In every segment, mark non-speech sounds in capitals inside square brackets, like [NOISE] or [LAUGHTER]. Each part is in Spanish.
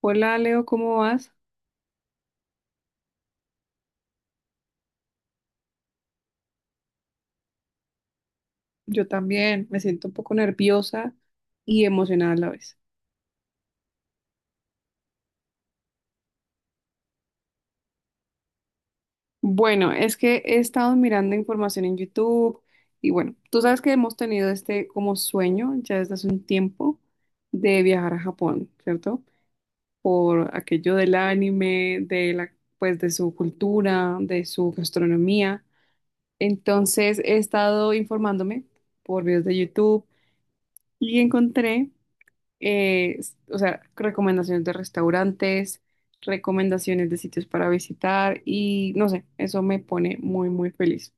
Hola Leo, ¿cómo vas? Yo también me siento un poco nerviosa y emocionada a la vez. Bueno, es que he estado mirando información en YouTube y bueno, tú sabes que hemos tenido este como sueño ya desde hace un tiempo de viajar a Japón, ¿cierto? Por aquello del anime, de la, pues de su cultura, de su gastronomía. Entonces he estado informándome por videos de YouTube y encontré o sea, recomendaciones de restaurantes, recomendaciones de sitios para visitar y no sé, eso me pone muy, muy feliz.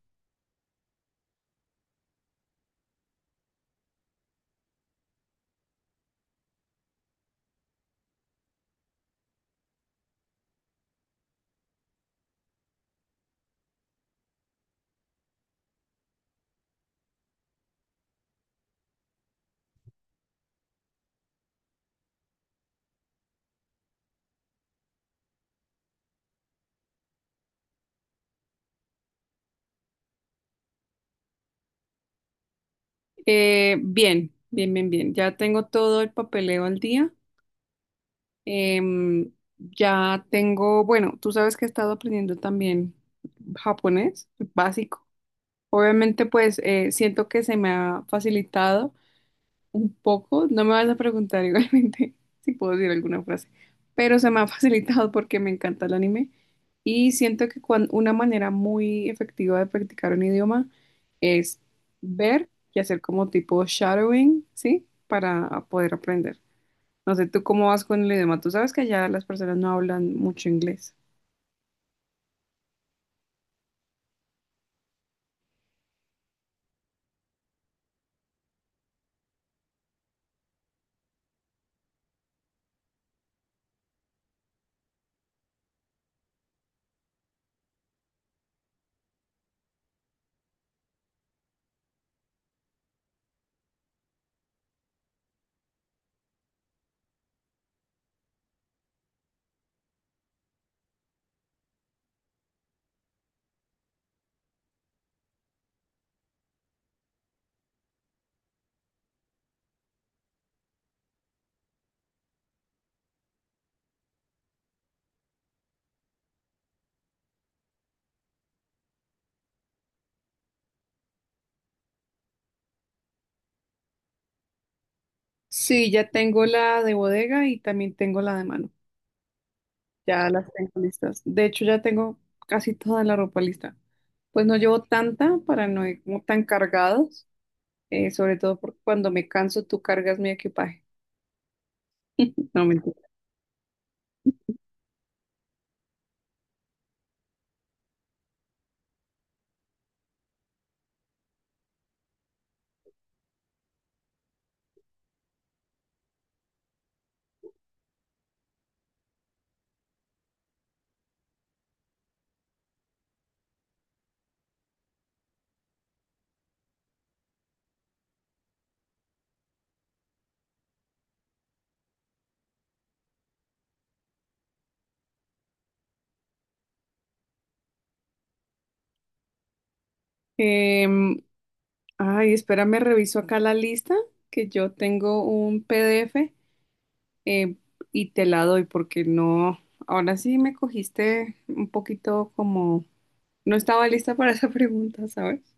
Bien, bien, bien, bien. Ya tengo todo el papeleo al día. Em, ya tengo, bueno, tú sabes que he estado aprendiendo también japonés básico. Obviamente, pues siento que se me ha facilitado un poco. No me vas a preguntar igualmente [LAUGHS] si puedo decir alguna frase, pero se me ha [LAUGHS] facilitado porque me encanta el anime y siento que una manera muy efectiva de practicar un idioma es ver y hacer como tipo shadowing, ¿sí? Para poder aprender. No sé, ¿tú cómo vas con el idioma? Tú sabes que allá las personas no hablan mucho inglés. Sí, ya tengo la de bodega y también tengo la de mano. Ya las tengo listas. De hecho, ya tengo casi toda la ropa lista. Pues no llevo tanta para no ir como tan cargados, sobre todo porque cuando me canso tú cargas mi equipaje. [LAUGHS] No, mentira. Em, Ay, espérame, reviso acá la lista, que yo tengo un PDF eh, y te la doy porque no, ahora sí me cogiste un poquito como, no estaba lista para esa [LAUGHS] pregunta, ¿sabes?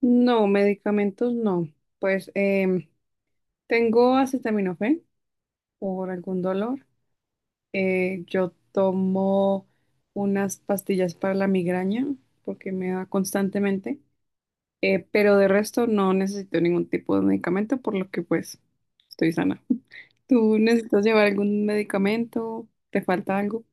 No, medicamentos no. Pues tengo acetaminofén por algún dolor. Yo tomo unas pastillas para la migraña porque me da constantemente. Pero de resto no necesito ningún tipo de medicamento, por lo que pues estoy sana. [LAUGHS] ¿Tú necesitas llevar algún medicamento? ¿Te falta algo?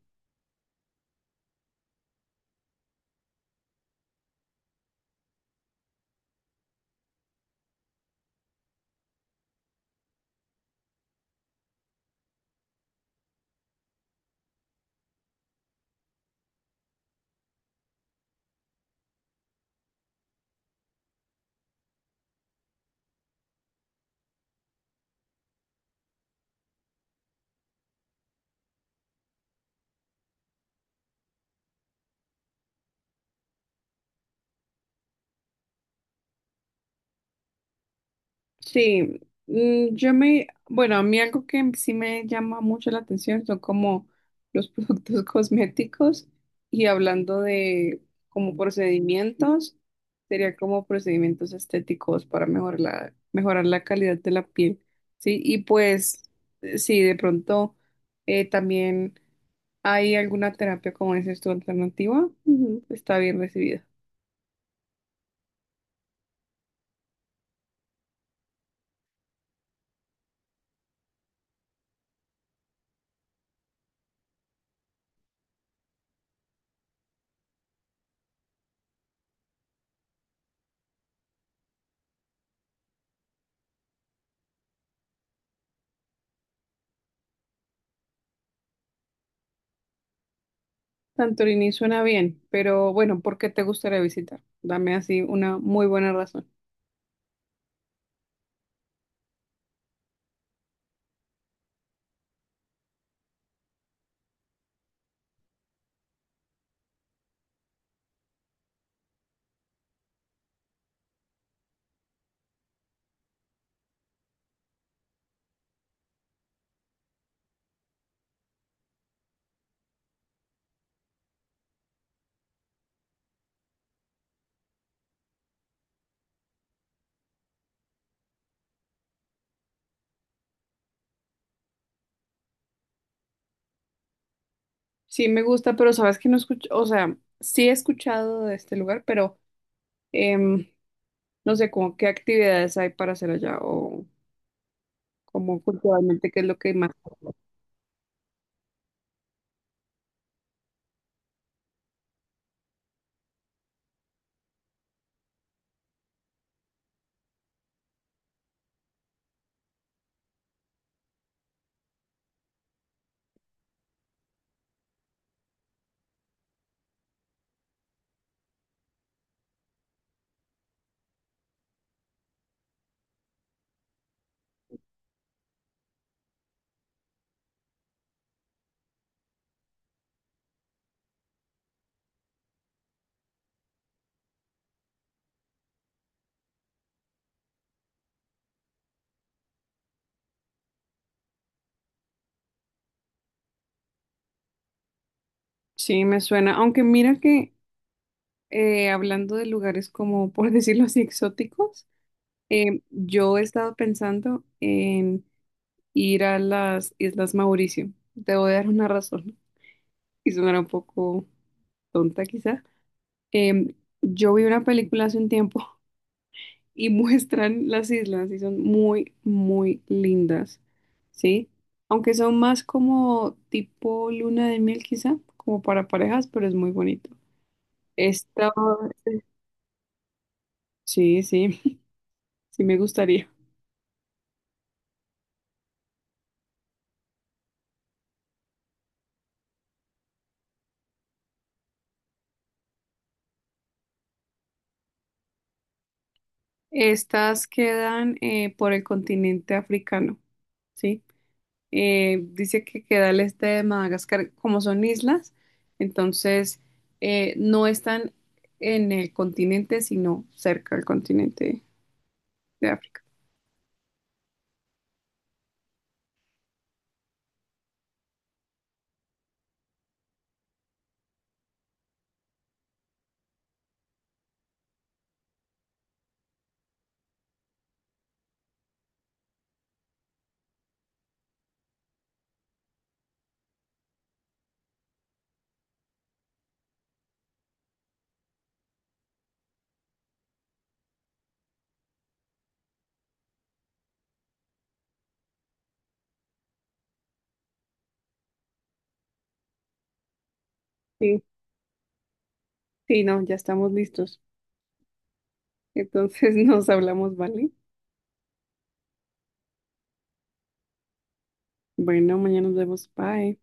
Sí, mm, yo me, bueno, a mí algo que sí me llama mucho la atención son como los productos [LAUGHS] cosméticos y hablando de como procedimientos, sería como procedimientos estéticos para mejorar la calidad de la piel, ¿sí? Y pues, sí, de pronto también hay alguna terapia, como dices tú, alternativa, ujú, está bien recibida. Santorini suena bien, pero bueno, ¿por qué te gustaría visitar? Dame así una muy buena razón. Sí, me gusta, pero sabes que no escucho, o sea, sí he escuchado de este lugar, pero em, no sé como qué actividades hay para hacer allá o como culturalmente qué es lo que más. Sí, me suena, aunque mira que hablando de lugares como, por [LAUGHS] decirlo así, exóticos, yo he estado pensando en ir a las Islas Mauricio. Te voy a dar una razón y sonará un poco tonta quizá. em, yo vi una película hace un tiempo [LAUGHS] y muestran las islas y son muy, muy lindas, ¿sí? Aunque son más como tipo luna de miel quizá, como para parejas, pero es muy bonito. Esta, sí, sí, [LAUGHS] sí me gustaría. Estas quedan por el continente africano, ¿sí? Dice que queda al este de Madagascar, como son islas, entonces no están en el continente, sino cerca del continente de África. Sí, sí, no, ya estamos listos. Entonces [LAUGHS] nos hablamos, ¿vale? Bueno, mañana nos vemos. Bye.